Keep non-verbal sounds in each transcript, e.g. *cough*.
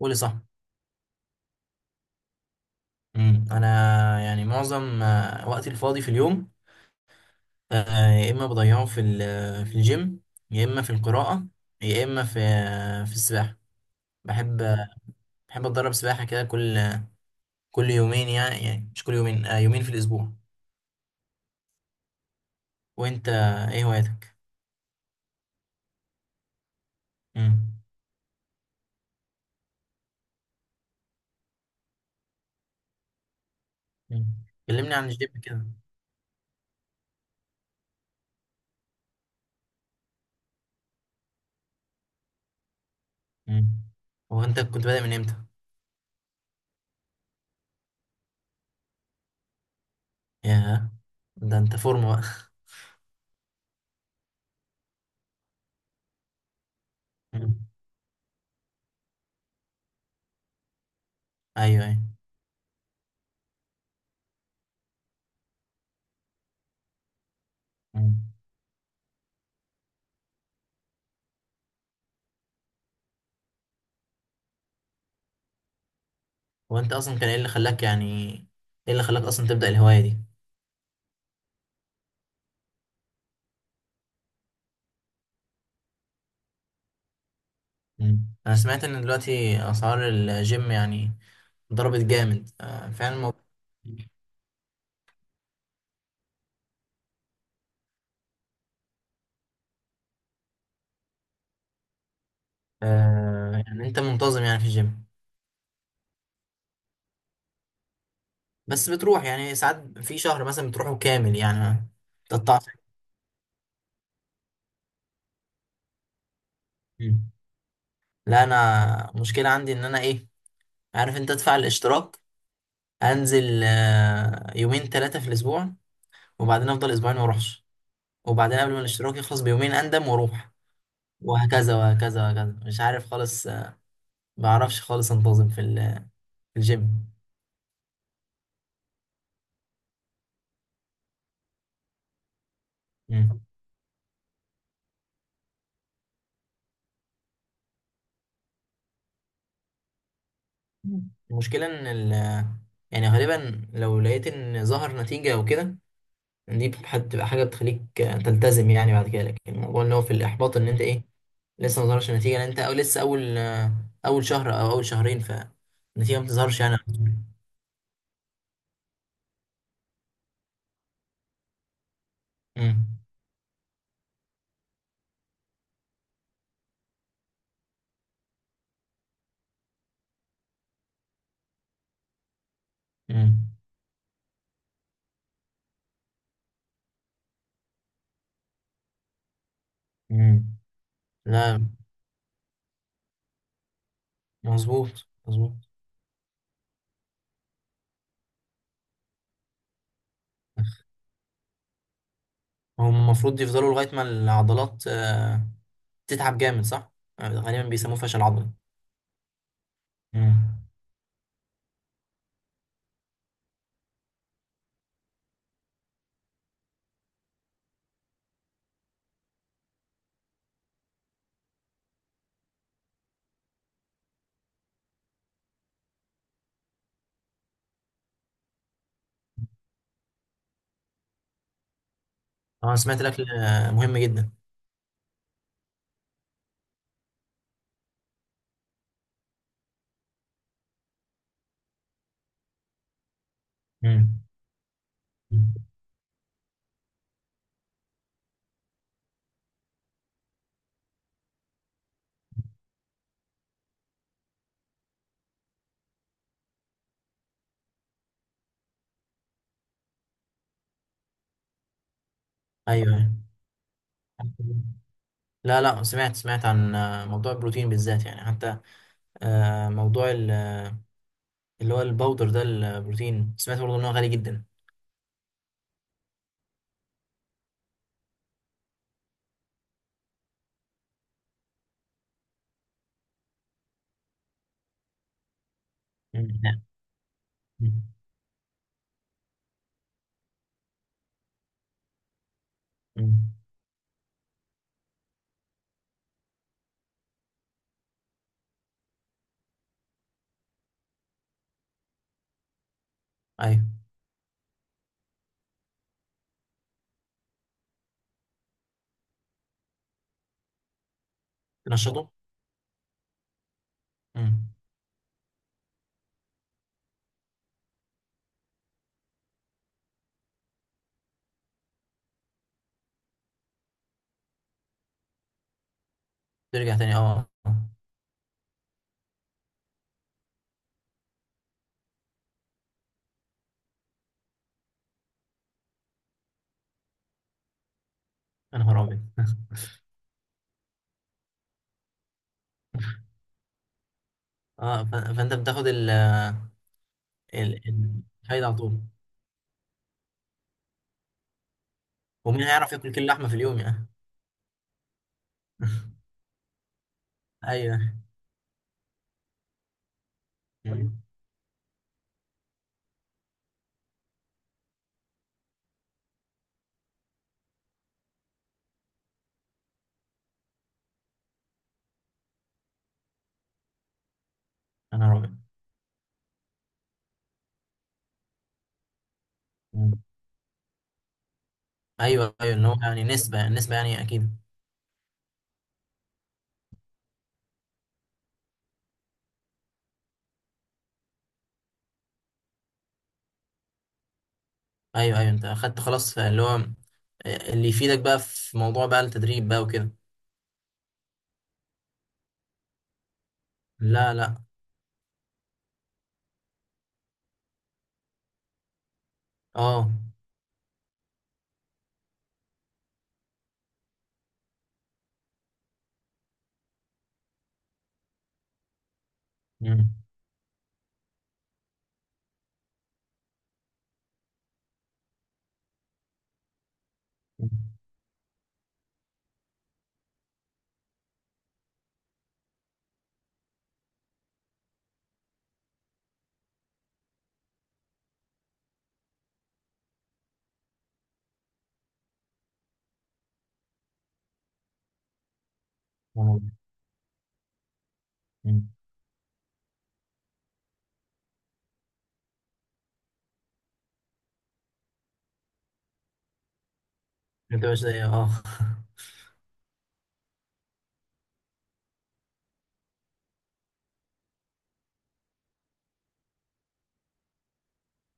قولي صح. انا يعني معظم وقتي الفاضي في اليوم. يا اما بضيعه في في الجيم، يا اما في القراءة، يا اما في السباحة. بحب بحب اتدرب سباحة كده كل يومين، يعني مش كل يومين، يومين في الاسبوع. وانت، ايه هواياتك؟ امم أمم. كلمني عن الجيم كده. امم هو انت كنت بادئ من امتى؟ ياه! ده انت فورمة بقى. أمم. *laughs* ايوه، ايوه. أمم. هو انت اصلا كان ايه اللي خلاك، يعني ايه اللي خلاك اصلا تبدأ الهواية دي؟ مم. انا سمعت ان دلوقتي اسعار الجيم يعني ضربت جامد، فعلا الموضوع. يعني انت منتظم يعني في الجيم؟ بس بتروح يعني ساعات في شهر مثلا، بتروحه كامل يعني ما تقطعش؟ مم. لا، انا مشكلة عندي ان انا ايه، عارف انت ادفع الاشتراك، انزل يومين ثلاثة في الاسبوع، وبعدين افضل اسبوعين ما اروحش، وبعدين قبل ما الاشتراك يخلص بيومين اندم واروح، وهكذا وهكذا وهكذا، مش عارف خالص. ما بعرفش خالص انتظم في في الجيم. مم. مم. المشكلة إن يعني غالبا لو لقيت إن ظهر نتيجة أو كده، دي بتبقى حاجة بتخليك تلتزم يعني بعد كده. لكن الموضوع اللي هو في الإحباط إن أنت إيه، لسه ما ظهرش نتيجة لأن أنت، أو لسه أول شهر أو أول شهرين، فالنتيجة ما بتظهرش يعني. مم. مم. مم. لا، مظبوط مظبوط. هم المفروض يفضلوا لغاية ما العضلات تتعب جامد، صح؟ غالبا بيسموه فشل عضلي. مم. أنا سمعت الأكل مهم جدا. مم. ايوه، أيوة. لا، لا، سمعت عن موضوع البروتين بالذات، يعني حتى موضوع اللي هو الباودر ده البروتين، سمعت برضه ان هو غالي جدا. مم. نعم. مم. مم. ايوه، تنشطه. مم. ترجع تاني، آه. يا نهار ابيض! *laughs* اه، فانت بتاخد الفايدة على طول. ومين هيعرف ياكل كيلو لحمة في اليوم يعني؟ *laughs* ايوه. مم. يا نهار ابيض! مم. ايوه، ايوه، اللي هو يعني نسبة نسبة يعني اكيد. ايوه، ايوه، انت اخدت خلاص اللي هو اللي يفيدك بقى في موضوع بقى التدريب بقى وكده. لا، لا، اه امم أمم. أمم. انت مش زي *laughs*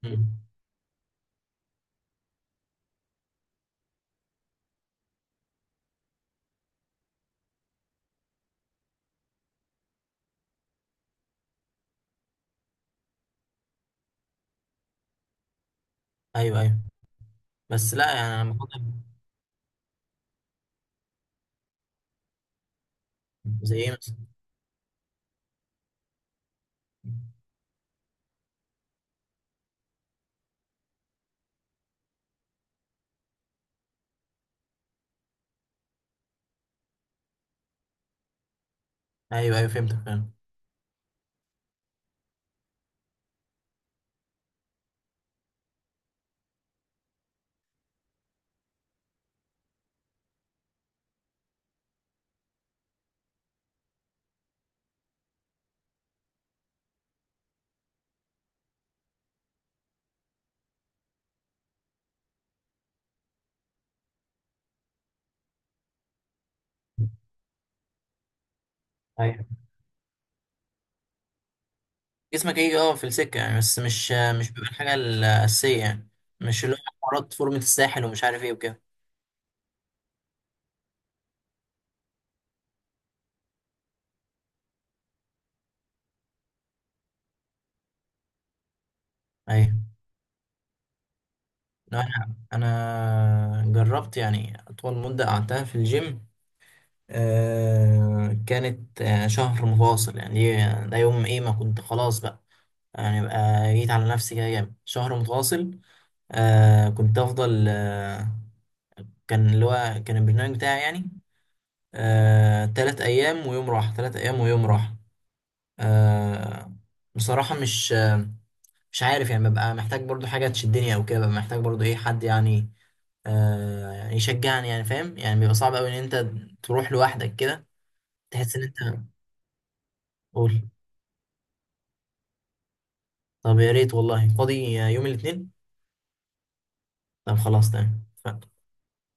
أمم. ايوه، ايوه، بس لا يعني انا بفضل. زي ايه مثلا؟ ايوه، ايوه، فهمتك فاهم. ايوه، جسمك هيجي في السكه يعني، بس مش بيبقى الحاجه الاساسيه يعني. مش اللي هو حوارات فورمه الساحل ومش عارف ايه وكده. ايوه، لا، انا جربت يعني اطول مده قعدتها في الجيم، كانت شهر متواصل، يعني إيه، ده يوم ايه ما كنت خلاص بقى، يعني بقى جيت على نفسي كده جامد شهر متواصل. كنت افضل، كان اللي هو كان البرنامج بتاعي يعني، 3 ايام ويوم راحة، 3 ايام ويوم راحة. آه بصراحة مش، مش عارف يعني ببقى محتاج برضو حاجة تشدني او كده، ببقى محتاج برضو ايه، حد يعني. يعني يشجعني يعني فاهم، يعني بيبقى صعب قوي ان انت تروح لوحدك كده. تحس ان انت. قول. طب يا ريت والله، فاضي يوم الاثنين. طب خلاص تمام اتفقنا.